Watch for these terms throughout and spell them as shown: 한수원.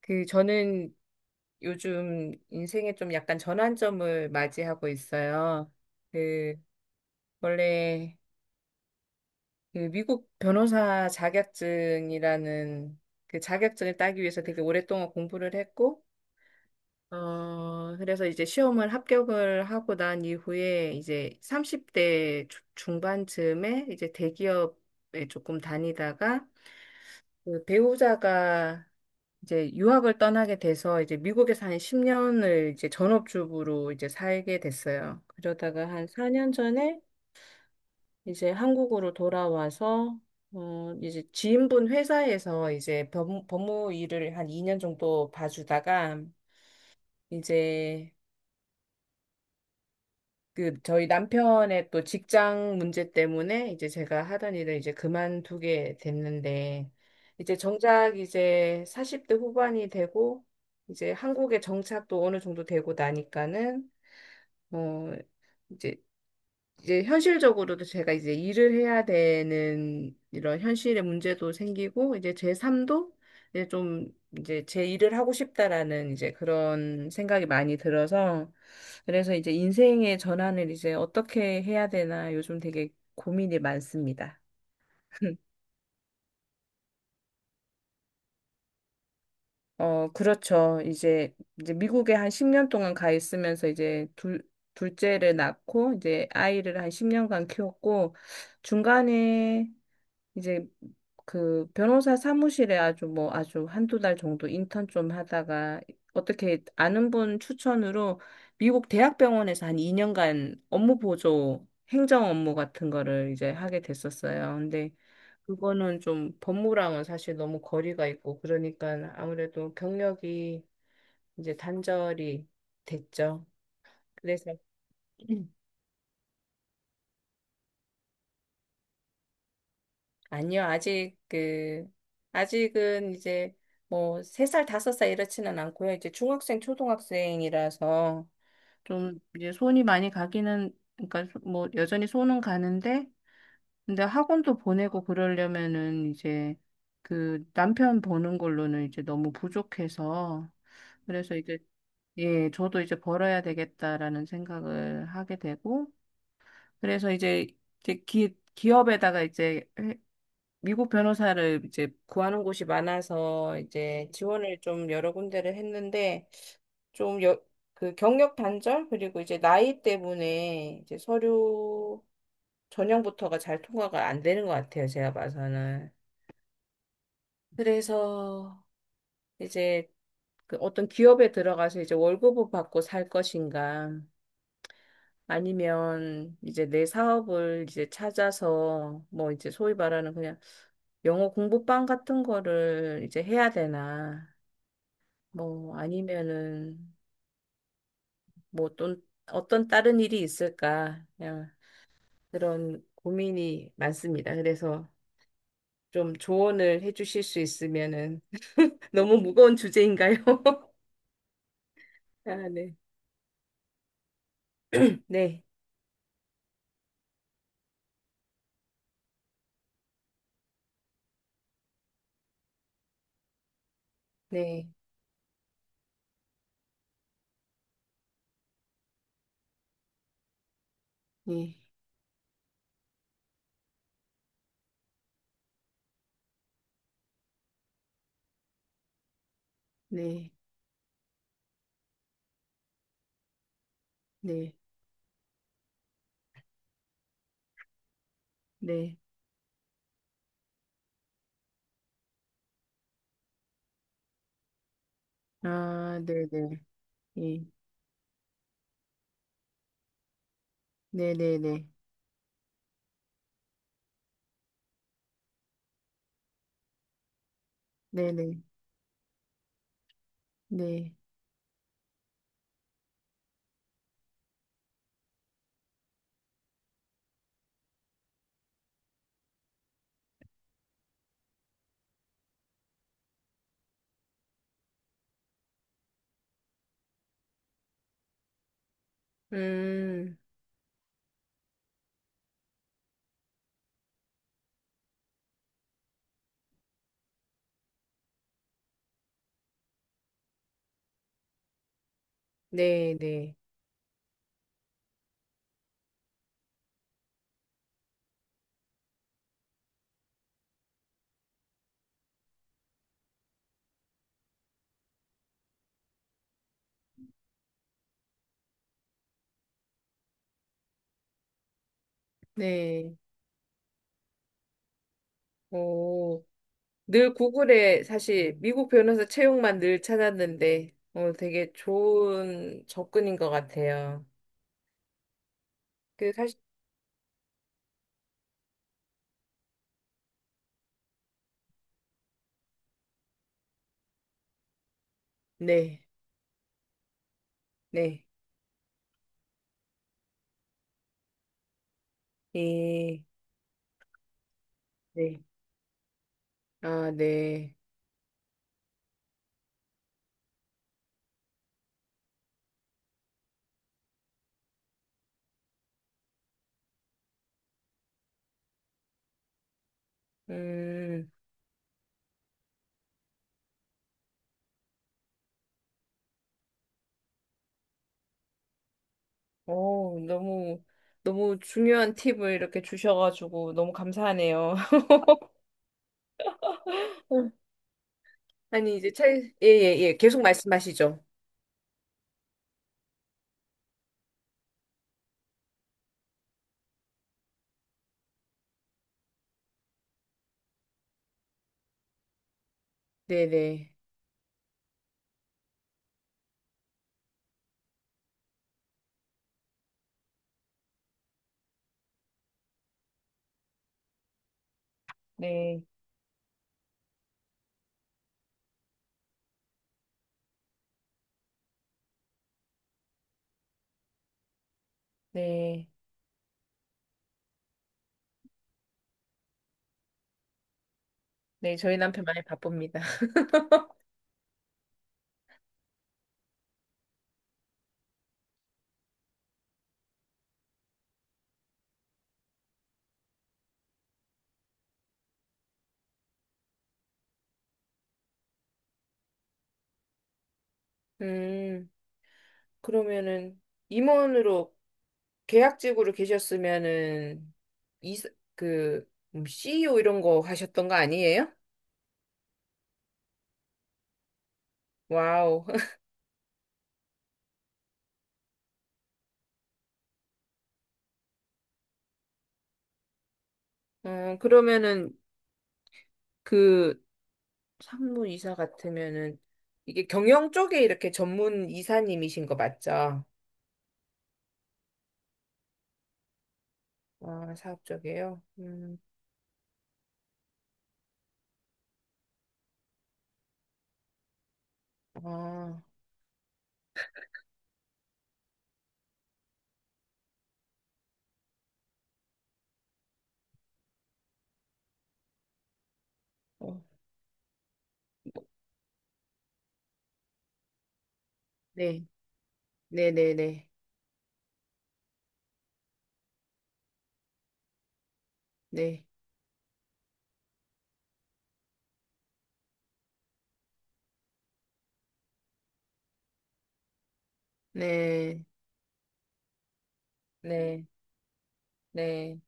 저는 요즘 인생에 좀 약간 전환점을 맞이하고 있어요. 그 원래 그 미국 변호사 자격증이라는 그 자격증을 따기 위해서 되게 오랫동안 공부를 했고, 그래서 이제 시험을 합격을 하고 난 이후에 이제 30대 중반쯤에 이제 대기업에 조금 다니다가, 배우자가 이제 유학을 떠나게 돼서 이제 미국에서 한 10년을 이제 전업주부로 이제 살게 됐어요. 그러다가 한 4년 전에 이제 한국으로 돌아와서 이제 지인분 회사에서 이제 법무 일을 한 2년 정도 봐주다가, 이제 그 저희 남편의 또 직장 문제 때문에 이제 제가 하던 일을 이제 그만두게 됐는데, 이제 정작 이제 40대 후반이 되고 이제 한국에 정착도 어느 정도 되고 나니까는, 어 이제 이제 현실적으로도 제가 이제 일을 해야 되는 이런 현실의 문제도 생기고 이제 제 삶도 이제 좀 이제 제 일을 하고 싶다라는 이제 그런 생각이 많이 들어서, 그래서 이제 인생의 전환을 이제 어떻게 해야 되나 요즘 되게 고민이 많습니다. 그렇죠. 이제 미국에 한 10년 동안 가 있으면서 이제 둘째를 낳고 이제 아이를 한 10년간 키웠고, 중간에 이제 그 변호사 사무실에 아주 뭐 아주 한두 달 정도 인턴 좀 하다가 어떻게 아는 분 추천으로 미국 대학병원에서 한 2년간 업무 보조 행정 업무 같은 거를 이제 하게 됐었어요. 근데 그거는 좀 법무랑은 사실 너무 거리가 있고 그러니까 아무래도 경력이 이제 단절이 됐죠. 그래서. 아니요, 아직은 이제 뭐 3살 5살 이렇지는 않고요. 이제 중학생 초등학생이라서 좀 이제 손이 많이 가기는, 그러니까 뭐 여전히 손은 가는데, 근데 학원도 보내고 그러려면은 이제 그 남편 보는 걸로는 이제 너무 부족해서, 그래서 이제 예, 저도 이제 벌어야 되겠다라는 생각을 하게 되고, 그래서 이제 기업에다가 이제 미국 변호사를 이제 구하는 곳이 많아서 이제 지원을 좀 여러 군데를 했는데, 좀 경력 단절 그리고 이제 나이 때문에 이제 서류 전형부터가 잘 통과가 안 되는 것 같아요. 제가 봐서는. 그래서 이제 그 어떤 기업에 들어가서 이제 월급을 받고 살 것인가, 아니면 이제 내 사업을 이제 찾아서 뭐 이제 소위 말하는 그냥 영어 공부방 같은 거를 이제 해야 되나, 뭐 아니면은 뭐 또 어떤 다른 일이 있을까? 그냥 그런 고민이 많습니다. 그래서 좀 조언을 해주실 수 있으면은. 너무 무거운 주제인가요? 아, 네. 네. 네. 네. 네. 네. 네. 아, 네, 네. 예. 네, 네, 네. 네, 네. 네. 음. 네, 네. 네. 오. 늘 구글에 사실 미국 변호사 채용만 늘 찾았는데, 되게 좋은 접근인 것 같아요. 사실, 네, 네, 이, 네, 아, 네. 음, 너무, 너무 중요한 팁을 이렇게 주셔가지고 너무 감사하네요. 어, 아니, 이제 예, 예, 예. 계속 말씀하시죠. 네, 네, 네, 네. 네, 저희 남편 많이 바쁩니다. 음, 그러면은 임원으로 계약직으로 계셨으면은 이사 그 CEO 이런 거 하셨던 거 아니에요? 와우. 그러면은 그 상무 이사 같으면은 이게 경영 쪽에 이렇게 전문 이사님이신 거 맞죠? 아, 사업 쪽이에요? 음. 아. 어, 네. 네, 네, 네. 네. 네. 네. 네.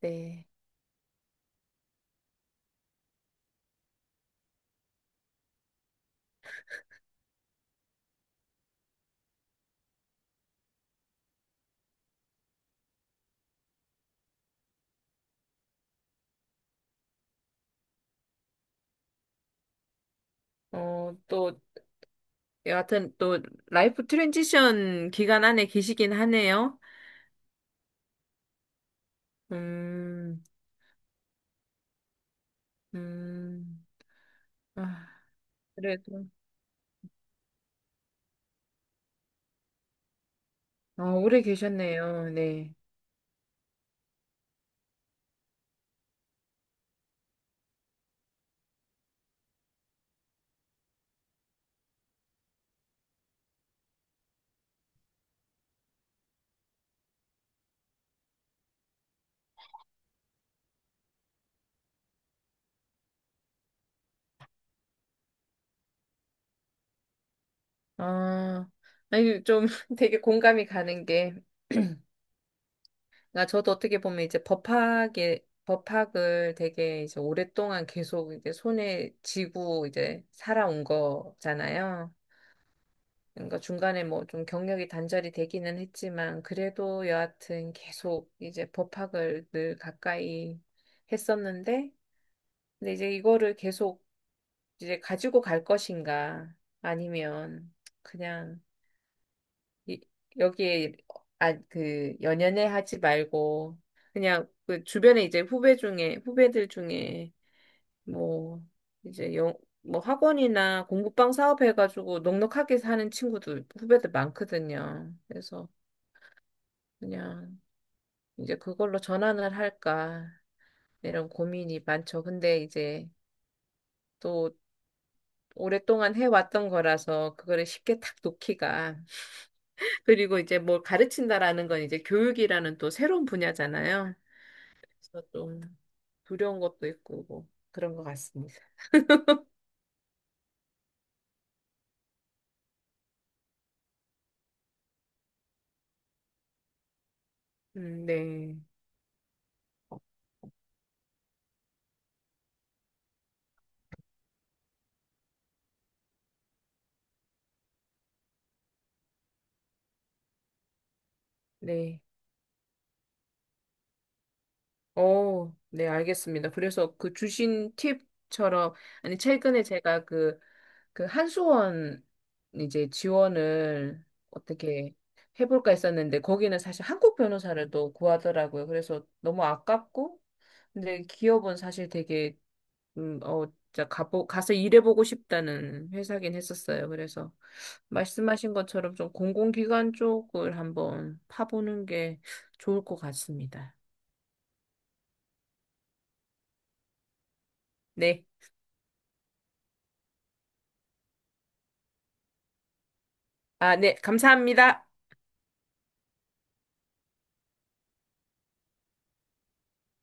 네. 또 여하튼 또 라이프 트랜지션 기간 안에 계시긴 하네요. 음. 음. 아. 그래도. 오래 계셨네요. 네. 아, 아니, 좀 되게 공감이 가는 게, 나 저도 어떻게 보면 이제 법학을 되게 이제 오랫동안 계속 이제 손에 쥐고 이제 살아온 거잖아요. 그러니까 중간에 뭐 좀 경력이 단절이 되기는 했지만, 그래도 여하튼 계속 이제 법학을 늘 가까이 했었는데, 근데 이제 이거를 계속 이제 가지고 갈 것인가? 아니면 그냥 이, 여기에 연연해 하지 말고 그냥 그 주변에 이제 후배들 중에 뭐 이제 뭐 학원이나 공부방 사업 해가지고 넉넉하게 사는 친구들 후배들 많거든요. 그래서 그냥 이제 그걸로 전환을 할까 이런 고민이 많죠. 근데 이제 또 오랫동안 해왔던 거라서 그거를 쉽게 탁 놓기가. 그리고 이제 뭘 가르친다라는 건 이제 교육이라는 또 새로운 분야잖아요. 그래서 좀 두려운 것도 있고 뭐 그런 것 같습니다. 네, 네, 어, 네, 알겠습니다. 그래서 그 주신 팁처럼. 아니 최근에 제가 한수원 이제 지원을 어떻게 해볼까 했었는데 거기는 사실 한국 변호사를 또 구하더라고요. 그래서 너무 아깝고, 근데 기업은 사실 되게 음, 어, 진짜 가서 일해보고 싶다는 회사긴 했었어요. 그래서 말씀하신 것처럼 좀 공공기관 쪽을 한번 파보는 게 좋을 것 같습니다. 네. 아, 네. 감사합니다.